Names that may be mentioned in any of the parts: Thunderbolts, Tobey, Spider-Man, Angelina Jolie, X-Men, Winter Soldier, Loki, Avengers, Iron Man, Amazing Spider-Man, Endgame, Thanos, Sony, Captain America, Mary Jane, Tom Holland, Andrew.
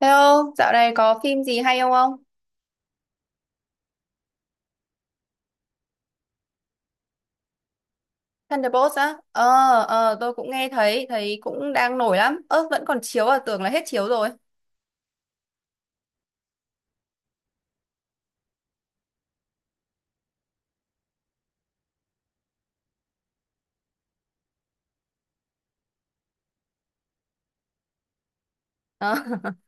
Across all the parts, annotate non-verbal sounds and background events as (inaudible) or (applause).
Thế ông, dạo này có phim gì hay không không? Thunderbolts á? Ờ, tôi cũng nghe thấy cũng đang nổi lắm. Ơ, vẫn còn chiếu à, tưởng là hết chiếu rồi. Ờ. (laughs)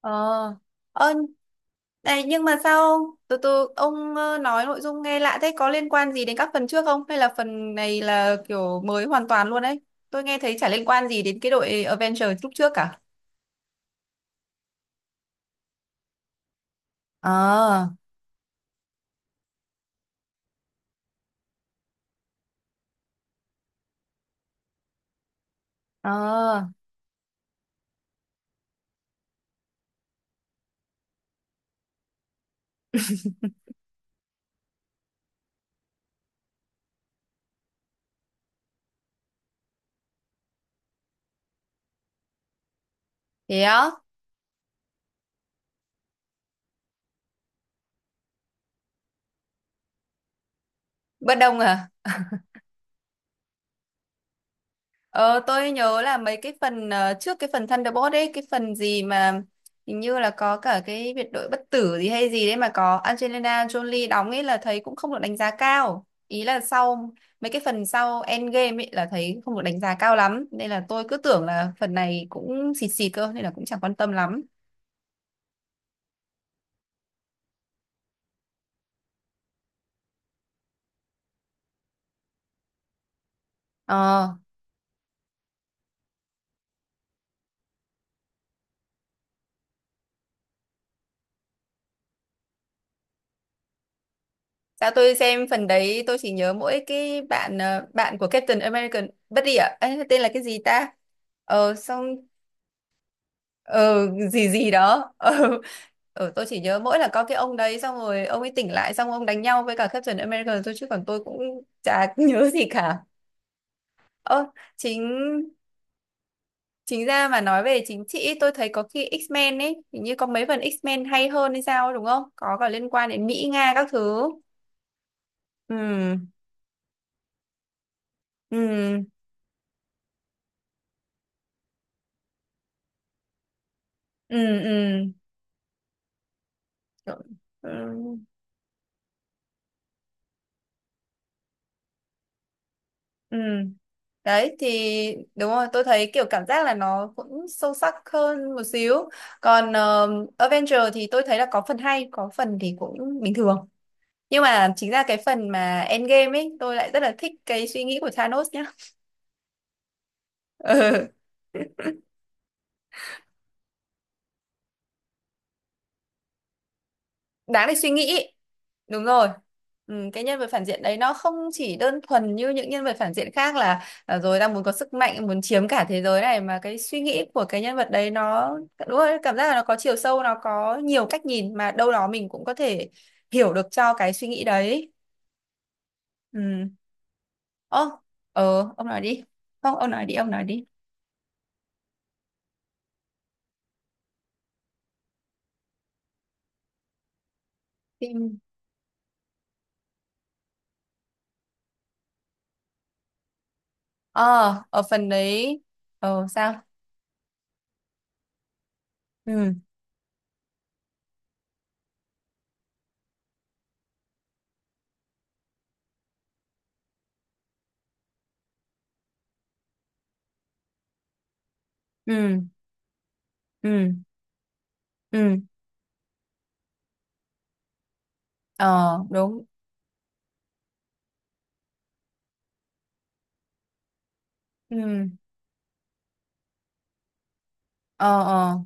Ờ, ờ, này, nhưng mà sao ông? Từ từ, ông nói nội dung nghe lạ thế, có liên quan gì đến các phần trước không? Hay là phần này là kiểu mới hoàn toàn luôn đấy? Tôi nghe thấy chả liên quan gì đến cái đội Avengers lúc trước cả. Ờ, ờ, thế á? Bất đồng à? Ờ, tôi nhớ là mấy cái phần trước cái phần Thunderbolt ấy, cái phần gì mà hình như là có cả cái biệt đội bất tử gì hay gì đấy mà có Angelina Jolie đóng ấy là thấy cũng không được đánh giá cao. Ý là sau mấy cái phần sau Endgame ấy là thấy không được đánh giá cao lắm. Nên là tôi cứ tưởng là phần này cũng xịt xịt cơ nên là cũng chẳng quan tâm lắm. Ờ, sao tôi xem phần đấy tôi chỉ nhớ mỗi cái bạn bạn của Captain American bất đi ạ. Ê, tên là cái gì ta? Ờ xong ờ gì gì đó (laughs) ờ ừ, tôi chỉ nhớ mỗi là có cái ông đấy xong rồi ông ấy tỉnh lại xong ông đánh nhau với cả Captain America thôi chứ còn tôi cũng chả (laughs) nhớ gì cả. Ơ, chính chính ra mà nói về chính trị tôi thấy có khi X-Men ấy hình như có mấy phần X-Men hay hơn hay sao ấy, đúng không, có cả liên quan đến Mỹ Nga các thứ. Ừ, ừ, ừ, ừ, ừ, ừ. Đấy thì đúng rồi, tôi thấy kiểu cảm giác là nó cũng sâu sắc hơn một xíu. Còn Avenger thì tôi thấy là có phần hay, có phần thì cũng bình thường. Nhưng mà chính ra cái phần mà Endgame ấy tôi lại rất là thích cái suy nghĩ của Thanos nhá. (laughs) Ừ. Đáng để suy nghĩ. Đúng rồi. Ừ, cái nhân vật phản diện đấy nó không chỉ đơn thuần như những nhân vật phản diện khác là à, rồi đang muốn có sức mạnh muốn chiếm cả thế giới này, mà cái suy nghĩ của cái nhân vật đấy nó đúng rồi, cảm giác là nó có chiều sâu, nó có nhiều cách nhìn mà đâu đó mình cũng có thể hiểu được cho cái suy nghĩ đấy. Ừ. Ơ, ông nói đi, không ông nói đi, ông nói đi phim. ờ Ở phần đấy ờ sao? Ừ, ừ, ừ, ừ, ờ, đúng, ừ, ờ, ờ.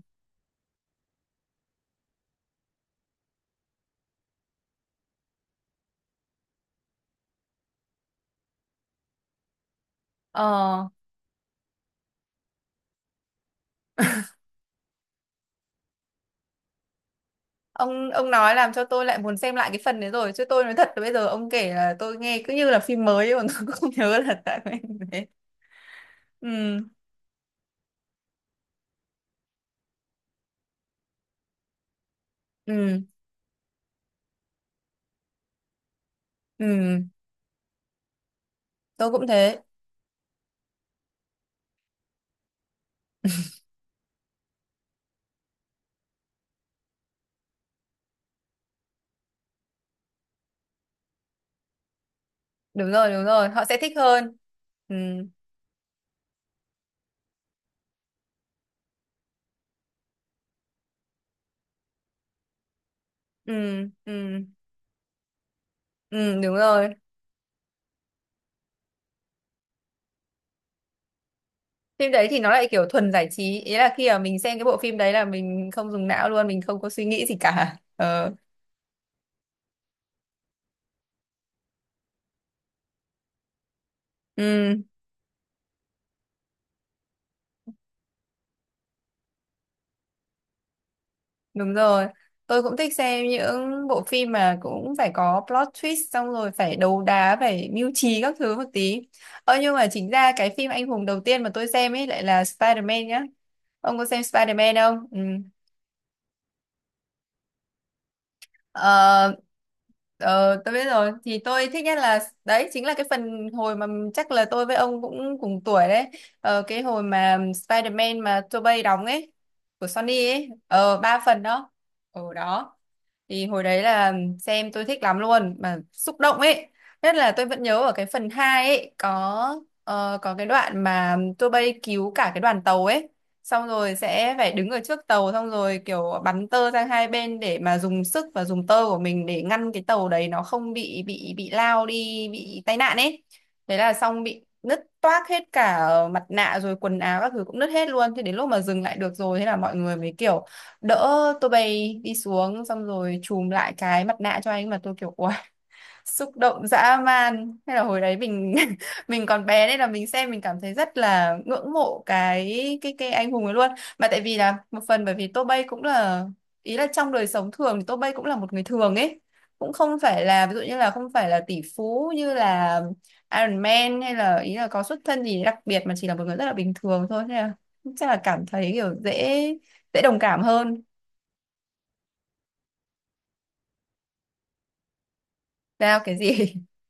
Ờ, ông nói làm cho tôi lại muốn xem lại cái phần đấy rồi, chứ tôi nói thật là bây giờ ông kể là tôi nghe cứ như là phim mới ấy, còn (laughs) tôi cũng không nhớ là tại cái thế. Ừ, ừ, ừ, tôi cũng thế. Đúng rồi, họ sẽ thích hơn. Ừ, ừ, ừ, ừ, đúng rồi. Phim đấy thì nó lại kiểu thuần giải trí, ý là khi mà mình xem cái bộ phim đấy là mình không dùng não luôn, mình không có suy nghĩ gì cả. Ờ, ừ. Đúng rồi, tôi cũng thích xem những bộ phim mà cũng phải có plot twist xong rồi phải đấu đá, phải mưu trí các thứ một tí. Ơ nhưng mà chính ra cái phim anh hùng đầu tiên mà tôi xem ấy lại là Spider-Man nhá. Ông có xem Spider-Man không? Ừ. Ờ, tôi biết rồi, thì tôi thích nhất là đấy chính là cái phần hồi mà chắc là tôi với ông cũng cùng tuổi đấy. Ờ, cái hồi mà Spider-Man mà Tobey đóng ấy, của Sony ấy, ờ ba phần đó. Ở đó thì hồi đấy là xem tôi thích lắm luôn mà xúc động ấy, nhất là tôi vẫn nhớ ở cái phần 2 ấy có có cái đoạn mà tôi bay cứu cả cái đoàn tàu ấy, xong rồi sẽ phải đứng ở trước tàu xong rồi kiểu bắn tơ sang hai bên để mà dùng sức và dùng tơ của mình để ngăn cái tàu đấy nó không bị lao đi, bị tai nạn ấy. Đấy là xong bị nứt toác hết cả mặt nạ rồi quần áo các thứ cũng nứt hết luôn, thế đến lúc mà dừng lại được rồi thế là mọi người mới kiểu đỡ tôi bay đi xuống xong rồi chùm lại cái mặt nạ cho anh mà tôi kiểu "Uầy", (laughs) xúc động dã man, hay là hồi đấy mình (laughs) mình còn bé nên là mình xem mình cảm thấy rất là ngưỡng mộ cái anh hùng ấy luôn. Mà tại vì là một phần bởi vì Tô Bay cũng là ý là trong đời sống thường thì Tô Bay cũng là một người thường ấy, cũng không phải là ví dụ như là không phải là tỷ phú như là Iron Man, hay là ý là có xuất thân gì đặc biệt, mà chỉ là một người rất là bình thường thôi, nên là chắc là cảm thấy kiểu dễ dễ đồng cảm hơn. Sao cái gì? (laughs)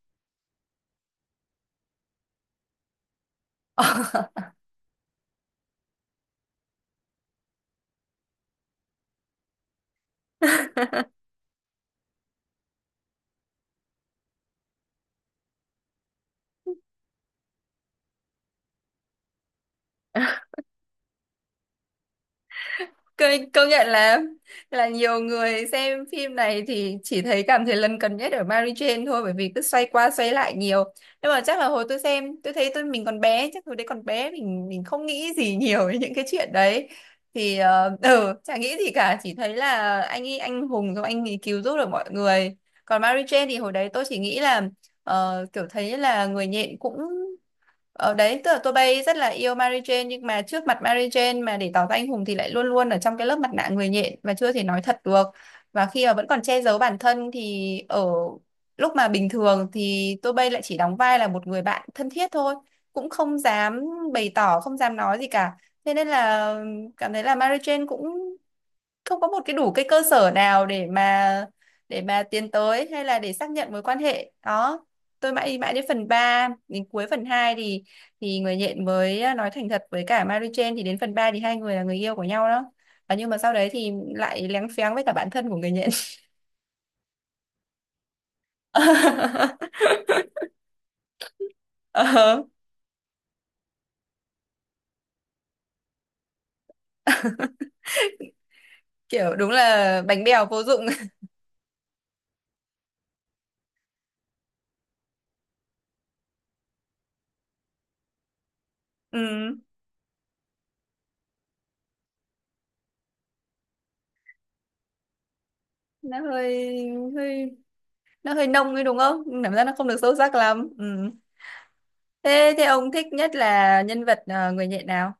Ờ. (laughs) Công công nhận là nhiều người xem phim này thì chỉ thấy cảm thấy lấn cấn nhất ở Mary Jane thôi, bởi vì cứ xoay qua xoay lại nhiều. Nhưng mà chắc là hồi tôi xem, tôi thấy mình còn bé, chắc hồi đấy còn bé mình không nghĩ gì nhiều về những cái chuyện đấy. Thì ờ ừ, chả nghĩ gì cả, chỉ thấy là anh ấy anh hùng rồi anh ấy cứu giúp được mọi người. Còn Mary Jane thì hồi đấy tôi chỉ nghĩ là kiểu thấy là người nhện cũng Ờ đấy, tức là tôi bay rất là yêu Mary Jane nhưng mà trước mặt Mary Jane mà để tỏ ra anh hùng thì lại luôn luôn ở trong cái lớp mặt nạ người nhện và chưa thể nói thật được. Và khi mà vẫn còn che giấu bản thân thì ở lúc mà bình thường thì tôi bay lại chỉ đóng vai là một người bạn thân thiết thôi, cũng không dám bày tỏ, không dám nói gì cả. Thế nên là cảm thấy là Mary Jane cũng không có một cái đủ cái cơ sở nào để mà tiến tới hay là để xác nhận mối quan hệ đó. Tôi mãi mãi đến phần ba đến cuối phần 2 thì người nhện mới à, nói thành thật với cả Mary Jane, thì đến phần 3 thì hai người là người yêu của nhau đó. À, nhưng mà sau đấy thì lại léng phéng với cả bản thân của người nhện. (laughs) Ờ, kiểu đúng là bánh bèo vô dụng. (laughs) Ừ, nó hơi hơi nó hơi nông ấy đúng không, cảm giác nó không được sâu sắc lắm. Ừ. Thế thế ông thích nhất là nhân vật người nhện nào?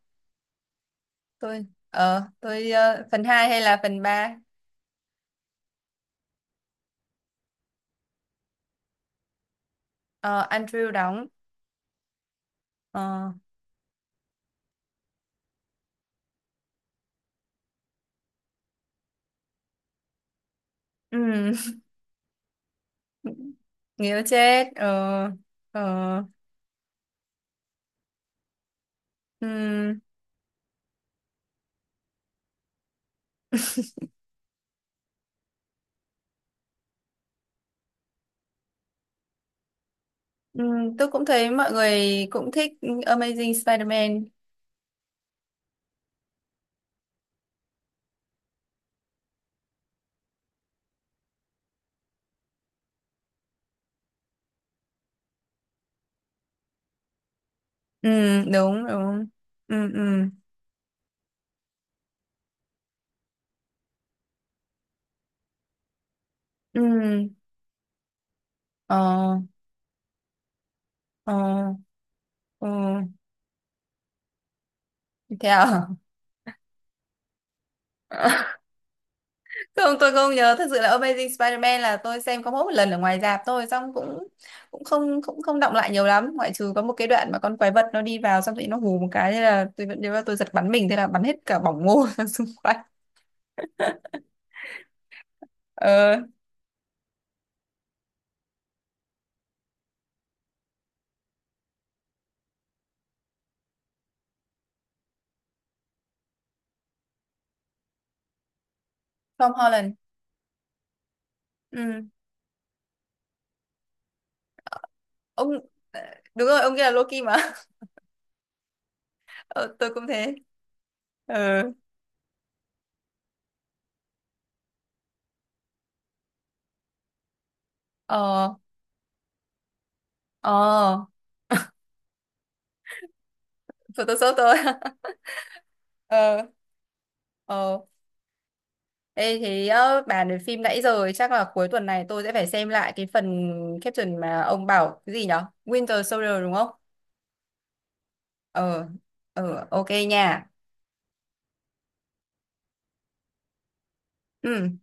Phần 2 hay là phần ba? Ờ, Andrew đóng. Ờ, ừm, (laughs) nghĩa chết, ờ, ờ, ừm, tôi cũng thấy mọi người cũng thích Amazing Spider-Man. Đúng đúng. Ừm, ừm, ừm, ờ, ờ, ờ, thế à? (laughs) Không, tôi không nhớ, thật sự là Amazing Spider-Man là tôi xem có mỗi một lần ở ngoài rạp thôi, xong cũng cũng không động lại nhiều lắm, ngoại trừ có một cái đoạn mà con quái vật nó đi vào xong rồi nó hù một cái, thế là tôi vẫn nhớ là tôi giật bắn mình, thế là bắn hết cả bỏng ngô (laughs) ra xung quanh. Ờ, Tom Holland. Ừ. ông ờ, đúng rồi ông kia là Loki mà. (laughs) Ờ, tôi cũng thế. Ờ, ờ, ờ, Photoshop tôi. (laughs) Ờ, ờ. Ê, thế ờ, bàn về phim nãy giờ ấy, chắc là cuối tuần này tôi sẽ phải xem lại cái phần caption mà ông bảo cái gì nhở, Winter Soldier đúng không? Ờ, ok nha. Ừ.